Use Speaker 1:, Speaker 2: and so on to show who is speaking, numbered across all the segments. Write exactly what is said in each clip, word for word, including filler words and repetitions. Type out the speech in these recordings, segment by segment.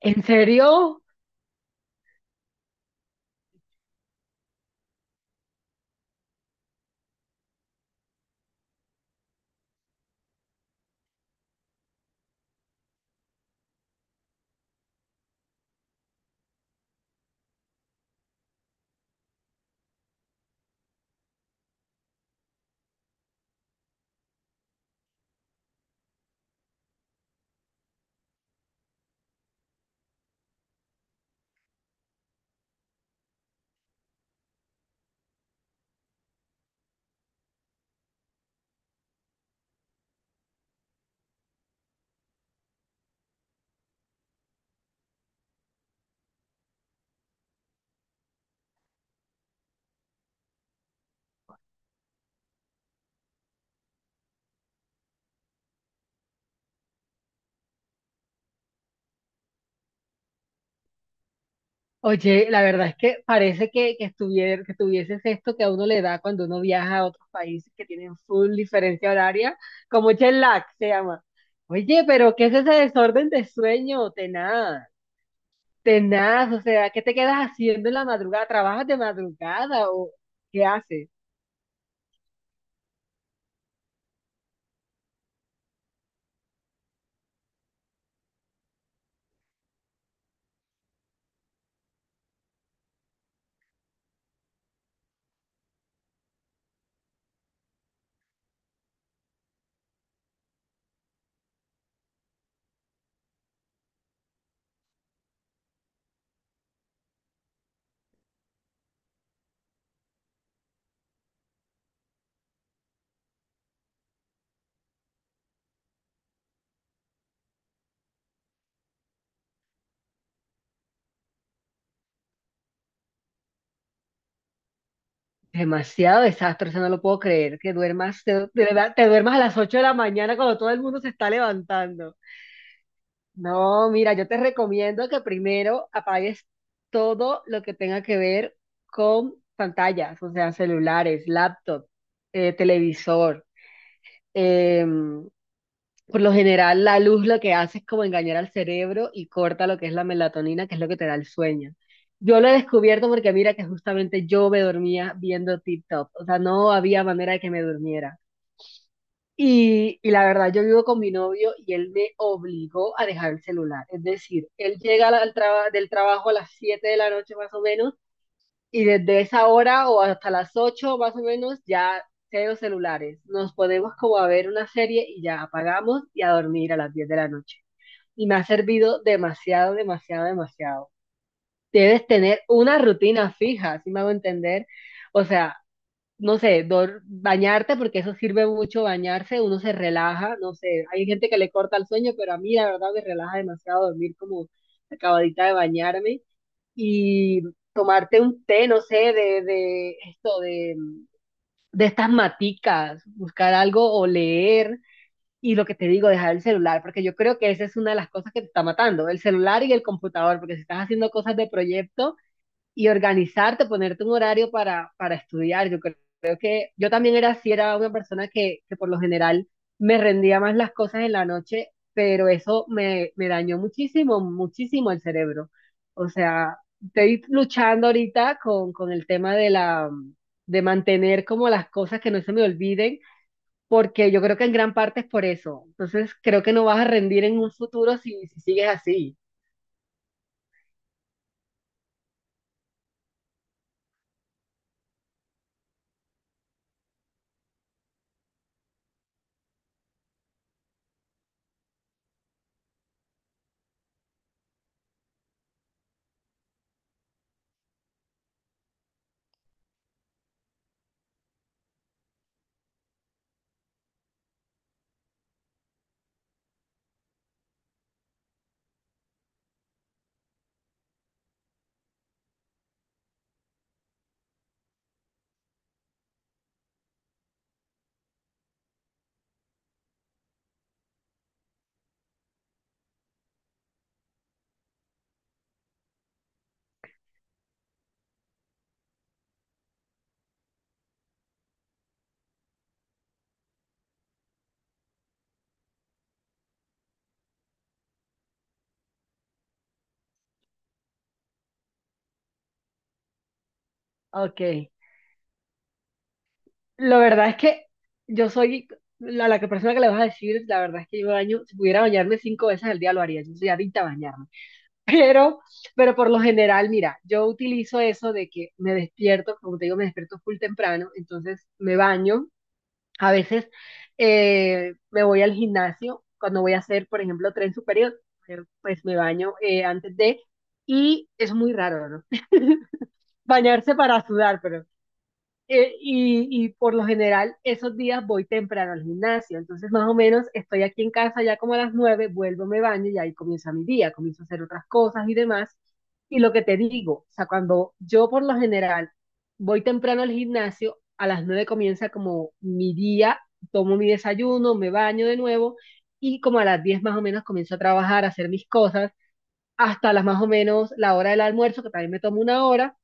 Speaker 1: ¿En serio? Oye, la verdad es que parece que, que, estuvier- que tuvieses esto que a uno le da cuando uno viaja a otros países que tienen full diferencia horaria, como jet lag se llama. Oye, pero ¿qué es ese desorden de sueño? Tenaz, tenaz, o sea, ¿qué te quedas haciendo en la madrugada? ¿Trabajas de madrugada o qué haces? Demasiado desastre, eso no lo puedo creer, que duermas, te, de verdad, te duermas a las ocho de la mañana cuando todo el mundo se está levantando. No, mira, yo te recomiendo que primero apagues todo lo que tenga que ver con pantallas, o sea, celulares, laptop, eh, televisor. Em, por lo general, la luz lo que hace es como engañar al cerebro y corta lo que es la melatonina, que es lo que te da el sueño. Yo lo he descubierto porque mira que justamente yo me dormía viendo TikTok, o sea, no había manera de que me durmiera. Y, y la verdad, yo vivo con mi novio y él me obligó a dejar el celular. Es decir, él llega al traba- del trabajo a las siete de la noche más o menos, y desde esa hora o hasta las ocho más o menos ya cero celulares. Nos ponemos como a ver una serie y ya apagamos y a dormir a las diez de la noche. Y me ha servido demasiado, demasiado, demasiado. Debes tener una rutina fija, si me hago entender. O sea, no sé, dor- bañarte, porque eso sirve mucho bañarse, uno se relaja, no sé, hay gente que le corta el sueño, pero a mí la verdad me relaja demasiado dormir como acabadita de bañarme y tomarte un té, no sé, de, de esto, de, de estas maticas, buscar algo o leer. Y lo que te digo, dejar el celular, porque yo creo que esa es una de las cosas que te está matando, el celular y el computador, porque si estás haciendo cosas de proyecto y organizarte, ponerte un horario para, para estudiar, yo creo yo también era así, era una persona que, que por lo general me rendía más las cosas en la noche, pero eso me, me dañó muchísimo, muchísimo el cerebro. O sea, estoy luchando ahorita con, con el tema de la, de mantener como las cosas que no se me olviden, porque yo creo que en gran parte es por eso. Entonces, creo que no vas a rendir en un futuro si, si sigues así. Ok. La verdad es que yo soy la, la que- persona que le vas a decir, la verdad es que yo me baño, si pudiera bañarme cinco veces al día lo haría, yo soy adicta a bañarme. Pero, pero por lo general, mira, yo utilizo eso de que me despierto, como te digo, me despierto full temprano, entonces me baño. A veces eh, me voy al gimnasio cuando voy a hacer, por ejemplo, tren superior, pero pues me baño eh, antes de, y es muy raro, ¿no? Bañarse para sudar, eh, y, y por lo general esos días voy temprano al gimnasio, entonces más o menos estoy aquí en casa ya como a las nueve, vuelvo, me baño y ahí comienza mi día, comienzo a hacer otras cosas y demás. Y lo que te digo, o sea, cuando yo por lo general voy temprano al gimnasio, a las nueve comienza como mi día, tomo mi desayuno, me baño de nuevo y como a las diez más o menos comienzo a trabajar, a hacer mis cosas, hasta las más o menos la hora del almuerzo, que también me tomo una hora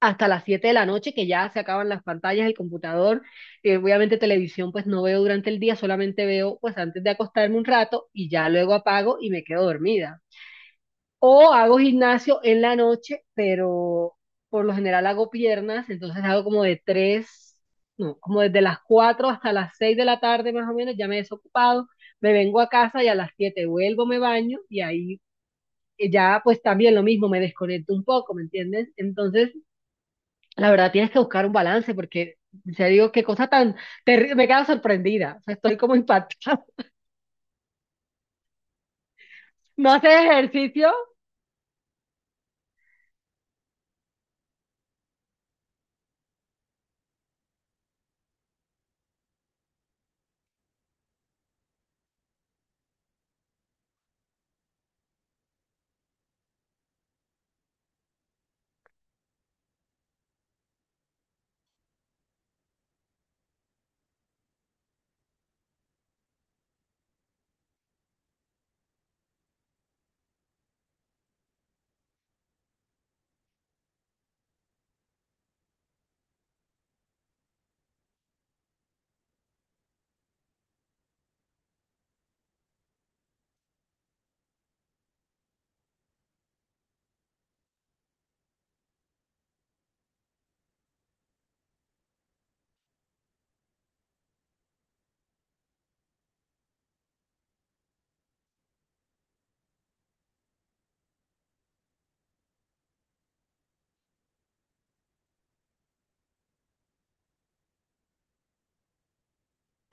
Speaker 1: hasta las siete de la noche, que ya se acaban las pantallas, el computador, eh, obviamente televisión pues no veo durante el día, solamente veo pues antes de acostarme un rato y ya luego apago y me quedo dormida. O hago gimnasio en la noche, pero por lo general hago piernas, entonces hago como de tres no, como desde las cuatro hasta las seis de la tarde más o menos, ya me he desocupado, me vengo a casa y a las siete vuelvo, me baño y ahí eh, ya pues también lo mismo, me desconecto un poco, ¿me entiendes? Entonces… La verdad, tienes que buscar un balance porque, ya digo, qué cosa tan terrible. Me quedo sorprendida. O sea, estoy como impactada. ¿No haces ejercicio?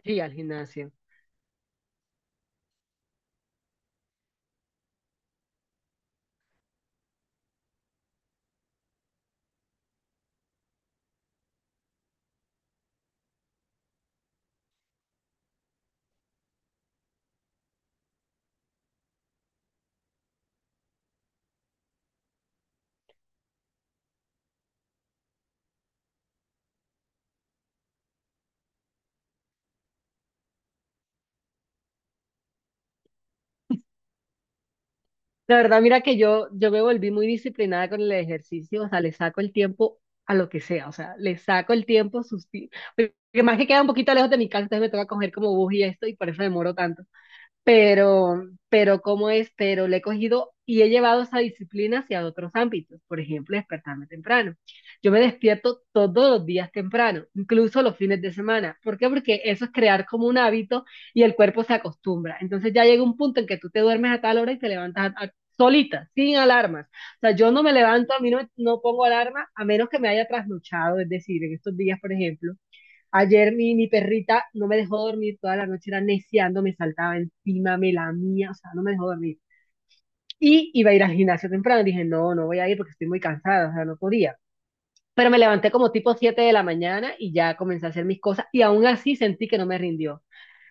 Speaker 1: Sí, al gimnasio. La verdad, mira que yo, yo me volví muy disciplinada con el ejercicio. O sea, le saco el tiempo a lo que sea. O sea, le saco el tiempo. susti- Que más que queda un poquito lejos de mi casa, entonces me toca coger como bus y esto y por eso demoro tanto. pero, pero como es, pero le he cogido y he llevado esa disciplina hacia otros ámbitos, por ejemplo, despertarme temprano. Yo me despierto todos los días temprano, incluso los fines de semana. ¿Por qué? Porque eso es crear como un hábito y el cuerpo se acostumbra. Entonces ya llega un punto en que tú te duermes a tal hora y te levantas a- a- solita, sin alarmas. O sea, yo no me levanto, a mí no, me- no pongo alarma a menos que me haya trasnochado, es decir, en estos días, por ejemplo, ayer mi, mi perrita no me dejó dormir toda la noche, era neciando, me saltaba encima, me lamía, o sea, no me dejó dormir. Y iba a ir al gimnasio temprano, dije, no, no voy a ir porque estoy muy cansada, o sea, no podía. Pero me levanté como tipo siete de la mañana y ya comencé a hacer mis cosas y aún así sentí que no me rindió.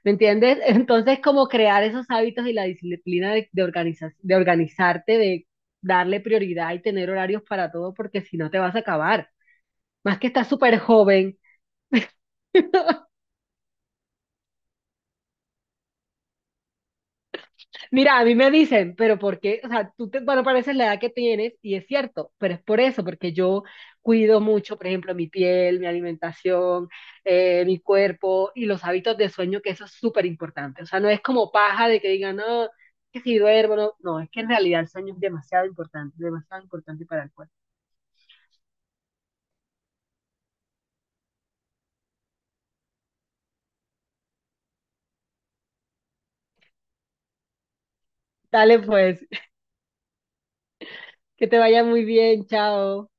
Speaker 1: ¿Me entiendes? Entonces, como crear esos hábitos y la disciplina de, de, organiza- de organizarte, de darle prioridad y tener horarios para todo, porque si no te vas a acabar. Más que estás súper joven. Mira, a mí me dicen, pero ¿por qué? O sea, tú te, bueno, pareces la edad que tienes y es cierto, pero es por eso, porque yo cuido mucho, por ejemplo, mi piel, mi alimentación, eh, mi cuerpo y los hábitos de sueño, que eso es súper importante. O sea, no es como paja de que digan, no, que si duermo, no, no, es que en realidad el sueño es demasiado importante, demasiado importante para el cuerpo. Dale pues, que te vaya muy bien, chao.